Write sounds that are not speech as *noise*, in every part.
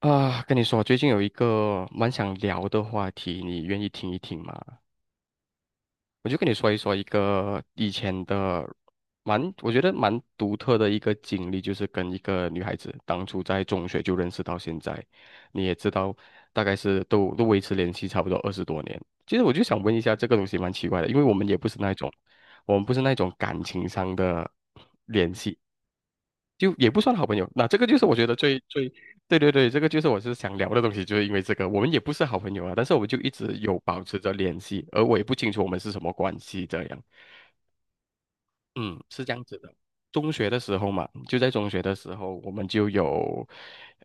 啊，跟你说，最近有一个蛮想聊的话题，你愿意听一听吗？我就跟你说一说一个以前的蛮，我觉得蛮独特的一个经历，就是跟一个女孩子当初在中学就认识到现在，你也知道，大概是都维持联系差不多20多年。其实我就想问一下，这个东西蛮奇怪的，因为我们也不是那种，我们不是那种感情上的联系，就也不算好朋友。那这个就是我觉得最最对对对，这个就是我是想聊的东西，就是因为这个，我们也不是好朋友啊，但是我们就一直有保持着联系，而我也不清楚我们是什么关系这样。嗯，是这样子的。中学的时候嘛，就在中学的时候，我们就有，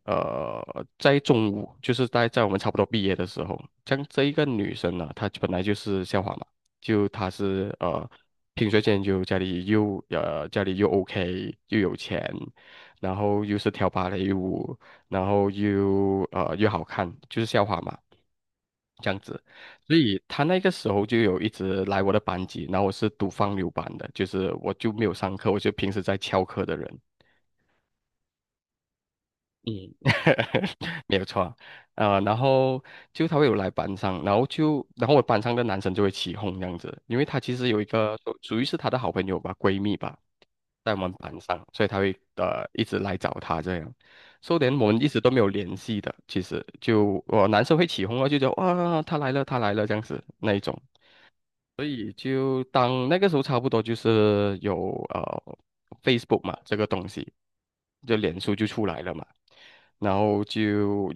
呃，在中午，就是在我们差不多毕业的时候，像这一个女生呢，她本来就是校花嘛，就她是品学兼优，家里又OK，又有钱，然后又是跳芭蕾舞，然后又好看，就是校花嘛，这样子。所以他那个时候就有一直来我的班级，然后我是读放牛班的，就是我就没有上课，我就平时在翘课的人。嗯，*laughs* 没有错，啊，然后就他会有来班上，然后就然后我班上的男生就会起哄这样子，因为他其实有一个属于是他的好朋友吧，闺蜜吧，在我们班上，所以他会一直来找他这样，说连我们一直都没有联系的，其实就我、男生会起哄啊，就觉得哇他来了他来了这样子那一种。所以就当那个时候差不多就是有Facebook 嘛这个东西，就脸书就出来了嘛，然后就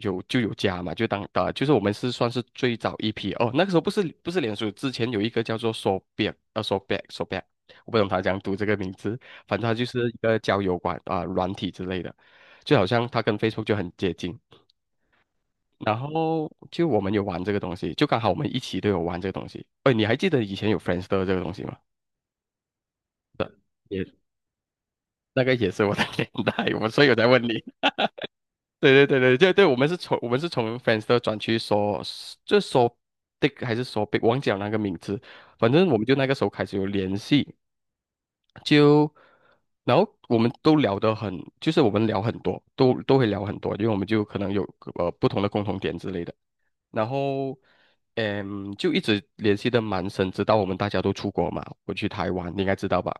有就有加嘛，就当就是我们是算是最早一批哦，那个时候不是脸书，之前有一个叫做 Sobek， 我不懂他怎样读这个名字，反正他就是一个交友馆啊、软体之类的，就好像它跟 Facebook 就很接近，然后就我们有玩这个东西，就刚好我们一起都有玩这个东西。哎，你还记得以前有 f r i e n d s t 这个东西吗？对，也那个也是我的 *laughs* 年代，我所以我在问你。对对对对对对，我们是从 f r i e n d s t 转去说，就说 Dick 还是说 Big，忘记了那个名字。反正我们就那个时候开始有联系，就然后我们都聊得很，就是我们聊很多，都会聊很多，因为我们就可能有不同的共同点之类的。然后，嗯，就一直联系的蛮深，直到我们大家都出国嘛，我去台湾，你应该知道吧？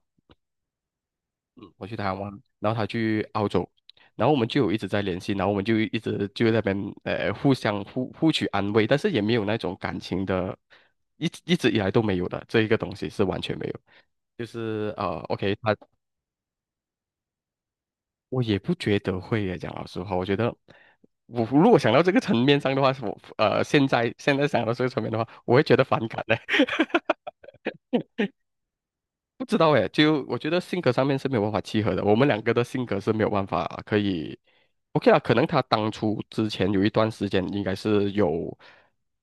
嗯，我去台湾，然后他去澳洲，然后我们就有一直在联系，然后我们就一直就在那边互相取安慰，但是也没有那种感情的，一直一直以来都没有的，这一个东西是完全没有。就是OK，他我也不觉得会耶，讲老实话，我觉得我如果想到这个层面上的话，我现在想到这个层面的话，我会觉得反感的。*laughs* 不知道诶，就我觉得性格上面是没有办法契合的，我们两个的性格是没有办法可以，OK 啊，可能他当初之前有一段时间应该是有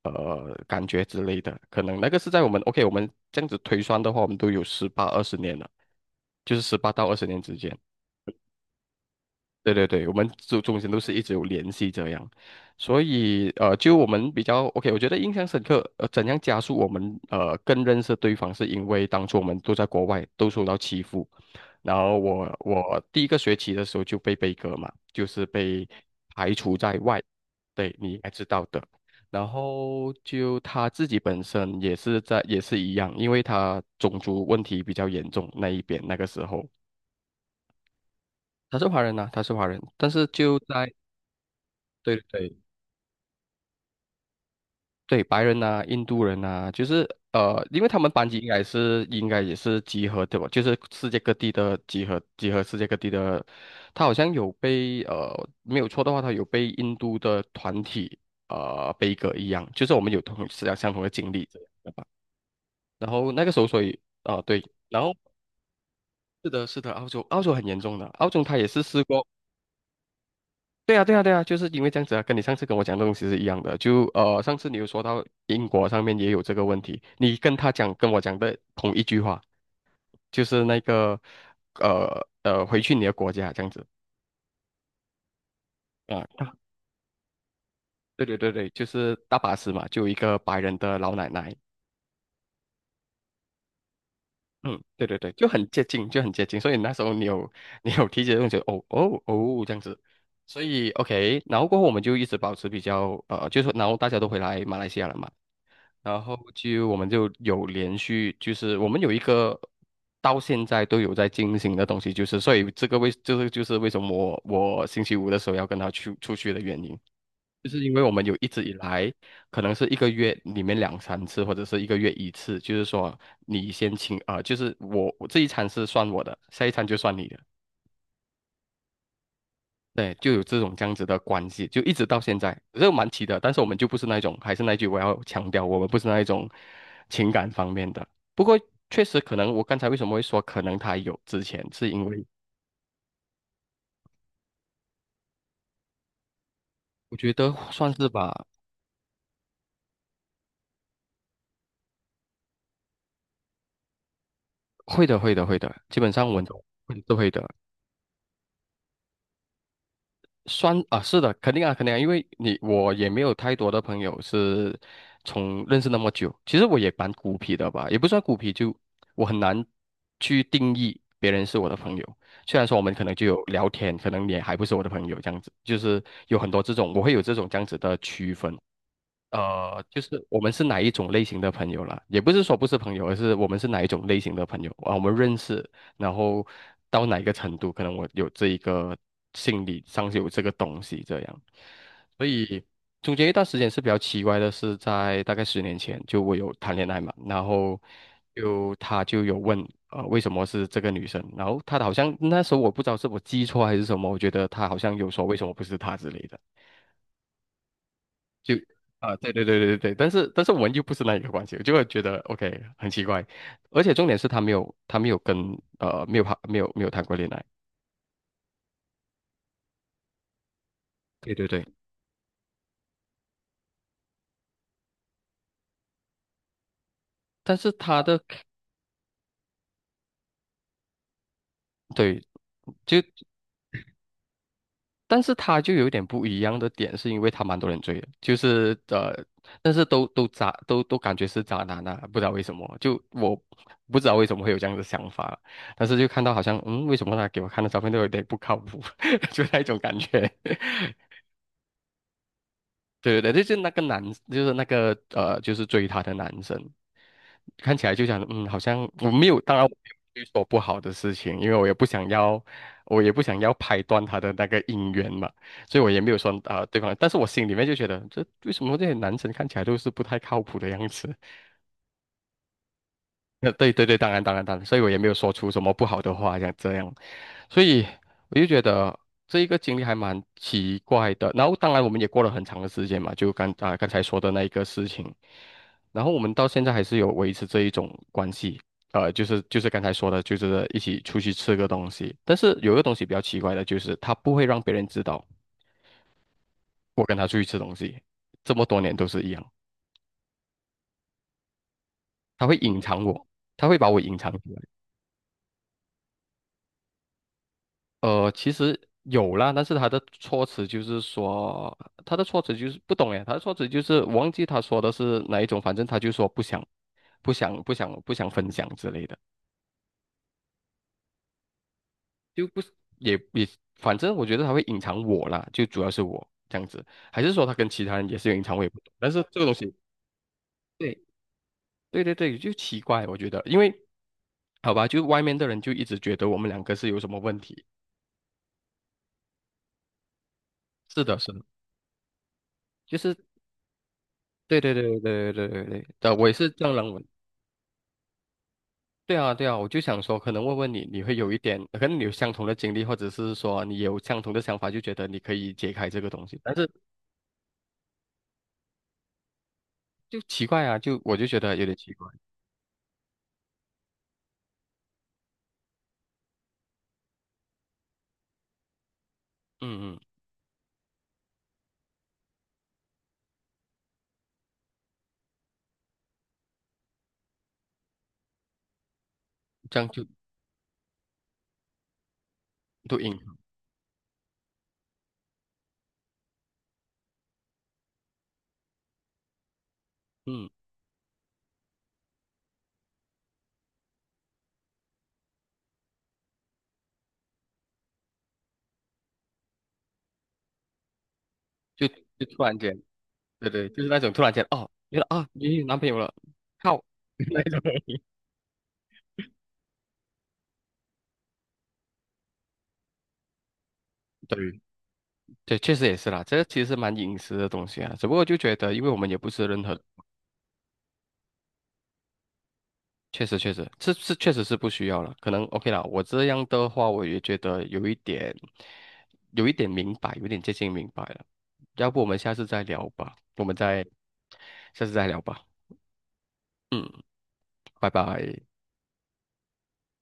感觉之类的，可能那个是在我们 OK 我们这样子推算的话，我们都有十八二十年了，就是18到20年之间。对对对，我们中间都是一直有联系这样，所以就我们比较 OK，我觉得印象深刻。怎样加速我们更认识对方，是因为当初我们都在国外都受到欺负，然后我第一个学期的时候就被歌嘛，就是被排除在外，对你应该知道的。然后就他自己本身也是一样，因为他种族问题比较严重那一边那个时候。他是华人，但是就在对对对，白人呐、印度人呐、就是因为他们班级应该也是集合对吧？就是世界各地的集合，集合世界各地的。他好像有被没有错的话，他有被印度的团体悲歌一样，就是我们有同是相同的经历这样然后那个时候，所以对，然后是的，是的，澳洲很严重的，澳洲他也是试过。对啊，对啊，对啊，就是因为这样子啊，跟你上次跟我讲的东西是一样的。就上次你有说到英国上面也有这个问题，你跟他讲跟我讲的同一句话，就是那个回去你的国家这样子啊。对对对对，就是大巴士嘛，就有一个白人的老奶奶，嗯，对对对，就很接近，就很接近。所以那时候你有提起这种觉得哦哦哦这样子，所以 OK，然后过后我们就一直保持比较就是说然后大家都回来马来西亚了嘛。然后就我们就有连续，就是我们有一个到现在都有在进行的东西，就是所以这个为这个就是为什么我星期五的时候要跟他去出去的原因，就是因为我们有一直以来可能是一个月里面两三次，或者是一个月一次，就是说你先请啊，就是我这一餐是算我的，下一餐就算你的。对，就有这种这样子的关系，就一直到现在，这个蛮奇的。但是我们就不是那一种，还是那句我要强调，我们不是那一种情感方面的。不过确实可能，我刚才为什么会说可能他有之前，是因为我觉得算是吧，会的，会的，会的，基本上我们都会是会的。算啊，是的，肯定啊，肯定啊，因为你我也没有太多的朋友是从认识那么久，其实我也蛮孤僻的吧，也不算孤僻，就我很难去定义别人是我的朋友。虽然说我们可能就有聊天，可能你还不是我的朋友这样子，就是有很多这种，我会有这种这样子的区分。就是我们是哪一种类型的朋友啦，也不是说不是朋友，而是我们是哪一种类型的朋友啊，我们认识，然后到哪一个程度，可能我有这一个心理上是有这个东西这样，所以中间一段时间是比较奇怪的，是在大概10年前，就我有谈恋爱嘛，然后就他就有问，为什么是这个女生，然后他好像那时候我不知道是我记错还是什么，我觉得他好像有说为什么不是他之类的。就对对对对对，但是我们又不是那一个关系，我就会觉得 OK 很奇怪，而且重点是他没有跟没有谈没有谈过恋爱。对对对，但是他的对就但是他就有点不一样的点，是因为他蛮多人追的，就是但是都渣感觉是渣男啊，不知道为什么，不知道为什么会有这样的想法，但是就看到好像嗯，为什么他给我看的照片都有点不靠谱，*laughs* 就那一种感觉，*laughs* 对对对，就是那个男，就是那个就是追她的男生，看起来就想，嗯，好像我没有，当然我没有去做不好的事情，因为我也不想要，我也不想要拍断他的那个姻缘嘛，所以我也没有说啊、对方，但是我心里面就觉得，这为什么这些男生看起来都是不太靠谱的样子？对对对，当然当然当然，所以我也没有说出什么不好的话，像这样，所以我就觉得这一个经历还蛮奇怪的。然后当然我们也过了很长的时间嘛，就刚啊、刚才说的那一个事情，然后我们到现在还是有维持这一种关系。就是刚才说的，就是一起出去吃个东西。但是有一个东西比较奇怪的就是，他不会让别人知道我跟他出去吃东西，这么多年都是一样，他会隐藏我，他会把我隐藏起来。其实有啦，但是他的措辞就是不懂诶，他的措辞就是我忘记他说的是哪一种，反正他就说不想，不想，不想，不想分享之类的，就不是也也，反正我觉得他会隐藏我啦，就主要是我这样子，还是说他跟其他人也是有隐藏，我也不懂，但是这个东西，对对对对，就奇怪，我觉得，因为好吧，就外面的人就一直觉得我们两个是有什么问题。是的，是的就是。对对对对对对对，对，我也是这样认为。对啊，对啊，我就想说，可能问问你，你会有一点，可能你有相同的经历，或者是说你有相同的想法，就觉得你可以解开这个东西，但是就奇怪啊，就我就觉得有点奇怪。嗯嗯，这样就都硬。嗯，就突然间，对对，就是那种突然间，哦，原来啊，你有男朋友了，靠，对对，确实也是啦，这个其实蛮隐私的东西啊，只不过就觉得，因为我们也不是任何。确实确实，这是确实是不需要了。可能 OK 啦，我这样的话，我也觉得有一点，有一点明白，有一点接近明白了。要不我们下次再聊吧，我们再下次再聊吧。嗯，拜拜。